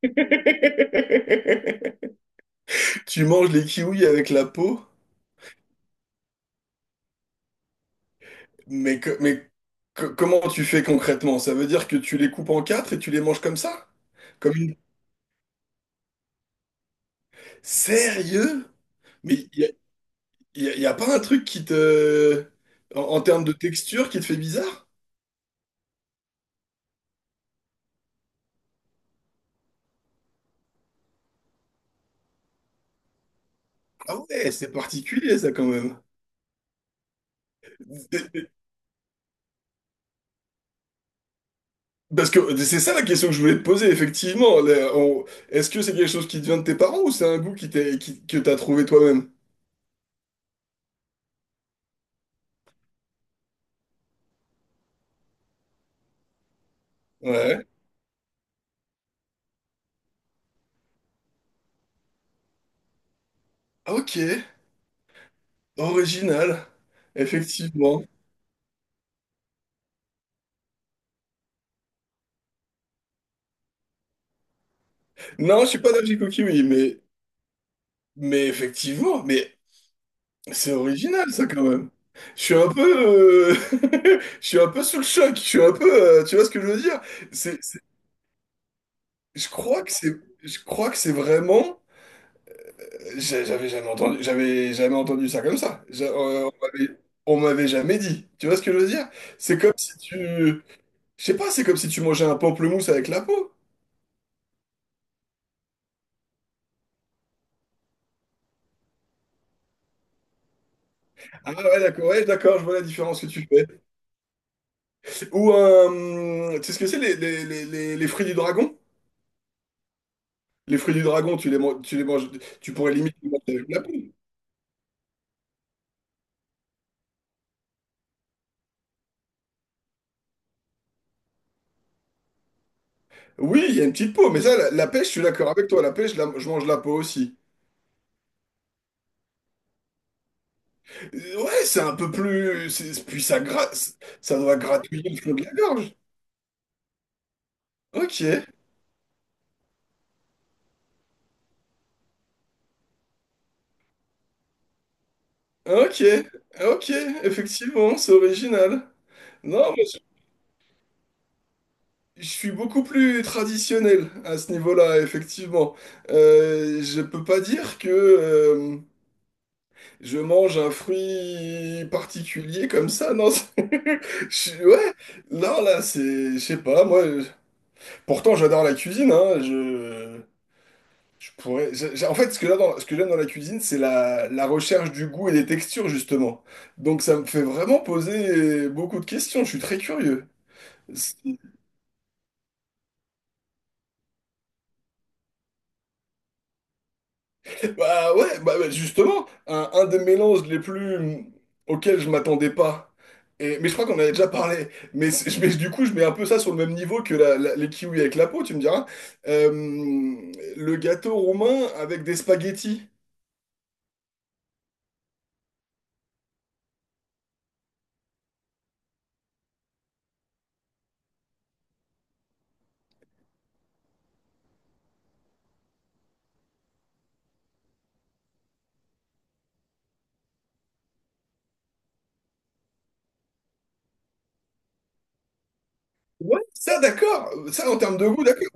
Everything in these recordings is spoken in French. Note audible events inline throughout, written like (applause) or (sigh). (laughs) Tu manges les kiwis avec la peau, mais, que- mais comment tu fais concrètement? Ça veut dire que tu les coupes en quatre et tu les manges comme ça? Comme une... Sérieux? Mais il y a, y a- y a pas un truc qui te. En termes de texture qui te fait bizarre? Ah ouais, c'est particulier ça quand même. Parce que c'est ça la question que je voulais te poser, effectivement. Est-ce que c'est quelque chose qui te vient de tes parents ou c'est un goût que t'as trouvé toi-même? Ouais. Ok. Original, effectivement. Non, je suis pas d'Algie Cookie, mais effectivement, mais c'est original ça quand même. Je suis un peu, (laughs) je suis un peu sous le choc. Je suis un peu, tu vois ce que je veux dire? C'est, c'est- je crois que c'est, je crois que c'est vraiment. J'avais jamais entendu ça comme ça. On m'avait jamais dit. Tu vois ce que je veux dire? C'est comme si tu, je sais pas, c'est comme si tu mangeais un pamplemousse avec la peau. Ah ouais, d'accord, ouais, d'accord, je vois la différence que tu fais. Ou, tu sais ce que c'est, les fruits du dragon? Les fruits du dragon, tu les manges, tu pourrais limite les manger avec la peau. Oui, il y a une petite peau, mais ça, la pêche, je suis d'accord avec toi, la pêche, je mange la peau aussi. Ouais, c'est un peu plus. Puis ça gratte, ça doit gratouiller le fond de la gorge. Ok, ok, ok, effectivement, c'est original. Non, moi, je suis beaucoup plus traditionnel à ce niveau-là, effectivement. Je peux pas dire que. Je mange un fruit particulier comme ça, non? (laughs) Ouais, non, là, c'est. Je sais pas, moi. Pourtant, j'adore la cuisine, hein. Je pourrais. En fait, ce que j'aime dans la cuisine, c'est la recherche du goût et des textures, justement. Donc, ça me fait vraiment poser beaucoup de questions. Je suis très curieux. Bah ouais, bah bah, justement, un des mélanges les plus auxquels je m'attendais pas. Et, mais je crois qu'on en avait déjà parlé. Mais du coup, je mets un peu ça sur le même niveau que les kiwis avec la peau, tu me diras. Euh, le gâteau roumain avec des spaghettis. Ouais, ça d'accord. Ça en termes de goût, d'accord.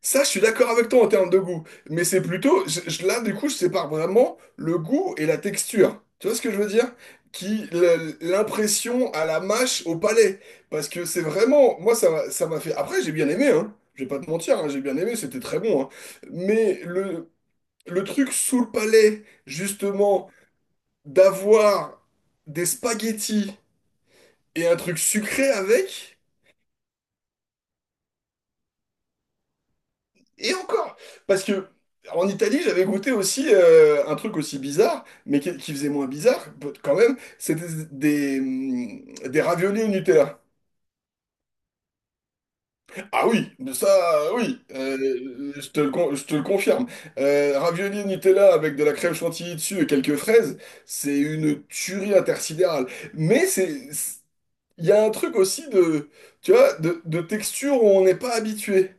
Ça, je suis d'accord avec toi en termes de goût, mais c'est plutôt, là, du coup, je sépare vraiment le goût et la texture. Tu vois ce que je veux dire? Qui, l'impression à la mâche, au palais. Parce que c'est vraiment, moi, ça m'a fait. Après, j'ai bien aimé, hein. Je vais pas te mentir, hein, j'ai bien aimé, c'était très bon, hein. Mais le truc sous le palais, justement, d'avoir des spaghettis et un truc sucré avec. Et encore, parce que en Italie, j'avais goûté aussi un truc aussi bizarre, mais qui faisait moins bizarre quand même, c'était des raviolis au Nutella. Ah oui, de ça, oui, je te le confirme. Raviolis au Nutella avec de la crème chantilly dessus et quelques fraises, c'est une tuerie intersidérale. Mais il y a un truc aussi de, tu vois, de texture où on n'est pas habitué.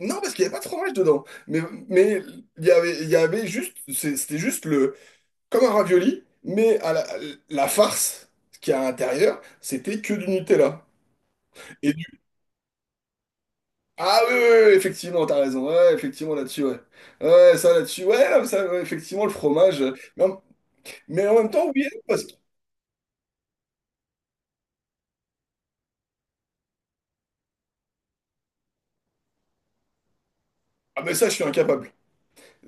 Non, parce qu'il n'y avait pas de fromage dedans. Mais il y avait juste, c'était juste comme un ravioli, mais à la farce qu'il y a à l'intérieur, c'était que du Nutella. Et du... Ah oui, oui, oui, effectivement, t'as raison. Ouais, ouais, effectivement, là-dessus, ouais. Ouais, ouais, ça, là-dessus, ouais, non, ça, ouais, effectivement, le fromage. Mais en même temps, oui, et non, parce que. Ah, mais ça, je suis incapable.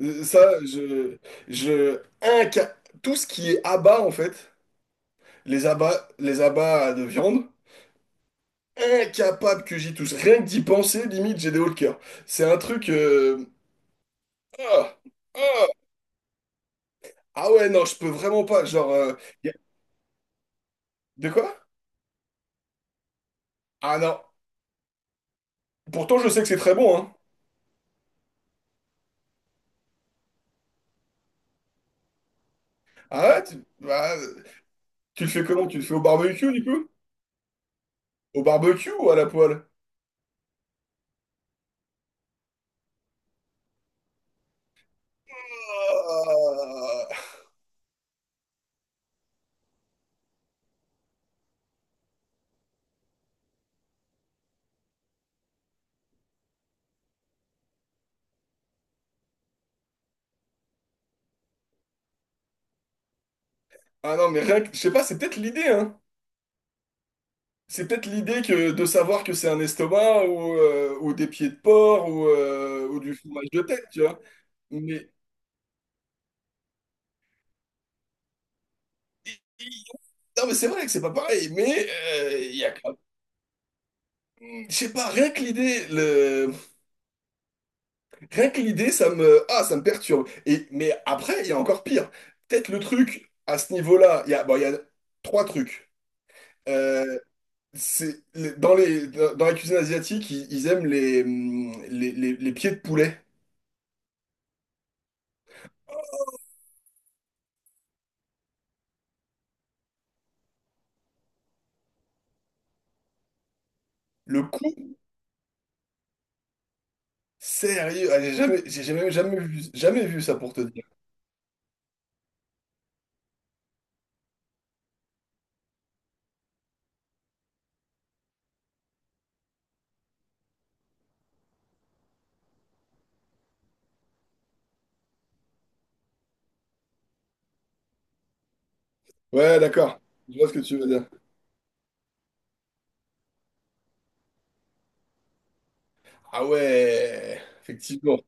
Ça, je inca- Tout ce qui est abats en fait, les abats de viande, incapable que j'y touche. Rien que d'y penser, limite, j'ai des hauts le cœur. C'est un truc. Ah, ah, Ah ouais, non, je peux vraiment pas. Genre. Y a- De quoi? Ah non. Pourtant, je sais que c'est très bon, hein. Ah ouais? Bah, tu le fais comment? Tu le fais au barbecue, du coup? Au barbecue ou à la poêle? Ah Ah non, mais rien que. Je sais pas, c'est peut-être l'idée, hein. C'est peut-être l'idée que de savoir que c'est un estomac ou des pieds de porc ou du fromage de tête, tu vois. Mais... Non, mais c'est vrai que c'est pas pareil, mais il y a Je sais pas, rien que l'idée, rien que l'idée, Ah, ça me perturbe. Mais après, il y a encore pire. Peut-être le truc, à ce niveau-là, Bon, il y a trois trucs. Euh, c'est... Dans la cuisine asiatique, ils aiment les pieds de poulet. Le coup, sérieux, ah, j'ai jamais... jamais vu... jamais vu ça pour te dire. Ouais, d'accord. Je vois ce que tu veux dire. Ah ouais, effectivement.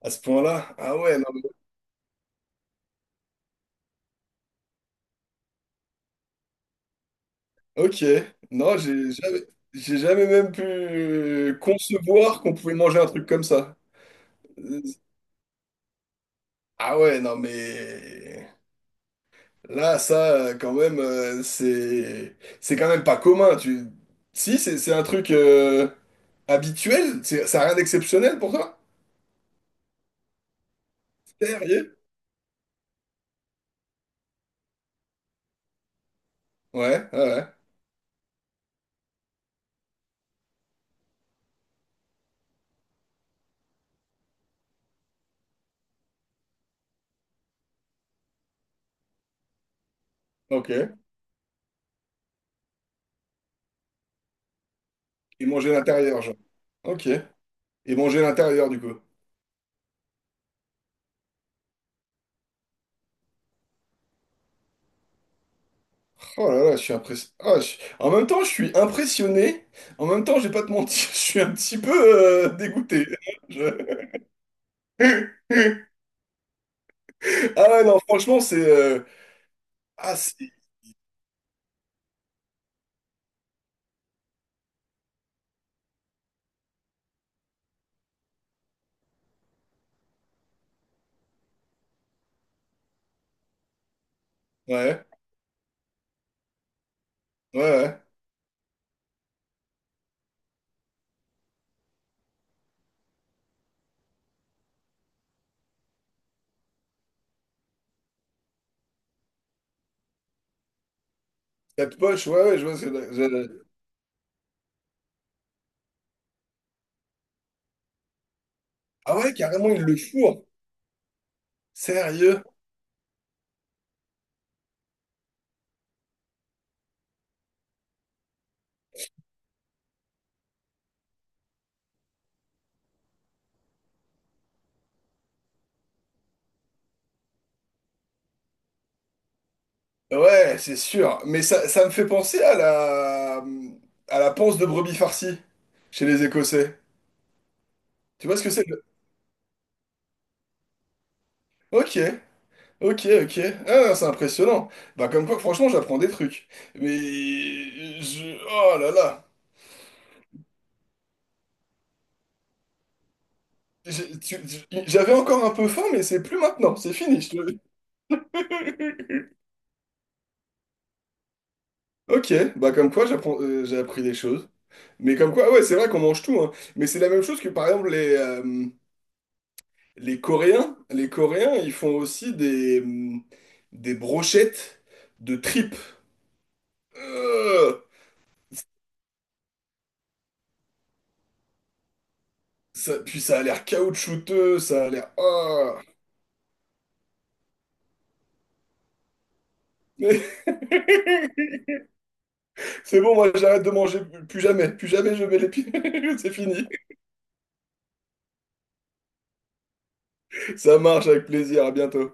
À ce point-là, ah ouais, non. Ok, non, j'ai jamais même pu concevoir qu'on pouvait manger un truc comme ça. Euh, Ah ouais, non mais là, ça, quand même, c'est quand même pas commun. Si, c'est un truc habituel, ça a rien d'exceptionnel pour toi? Sérieux? Ouais, ouais, ouais. Ok. Et manger à l'intérieur, genre. Ok. Et manger à l'intérieur, du coup. Oh là là, je suis impressionné. En même temps, je suis impressionné. En même temps, je vais pas te mentir, (laughs) je suis un petit peu dégoûté. (laughs) Je- Ah ouais, non, franchement, Ah si, ouais, ouais, ouais. Quatre poches, ouais, ouais, je vois ce que. Ah ouais, carrément, il le fourre. Sérieux? Ouais, c'est sûr. Mais ça me fait penser à la panse de brebis farcie chez les Écossais. Tu vois ce que c'est? Ok. Ok, ok. Ah, c'est impressionnant. Bah comme quoi, franchement, j'apprends des trucs. Mais Oh là là. J'avais encore un peu faim, mais c'est plus maintenant. C'est fini. (laughs) Ok, bah comme quoi, j'ai appris des choses. Mais comme quoi, ouais, c'est vrai qu'on mange tout, hein. Mais c'est la même chose que par exemple les Coréens. Les Coréens, ils font aussi des brochettes de tripes. Euh, puis ça a l'air caoutchouteux, ça a l'air. Ah. (laughs) C'est bon, moi j'arrête de manger, plus jamais je mets les pieds, (laughs) c'est fini. Ça marche avec plaisir, à bientôt.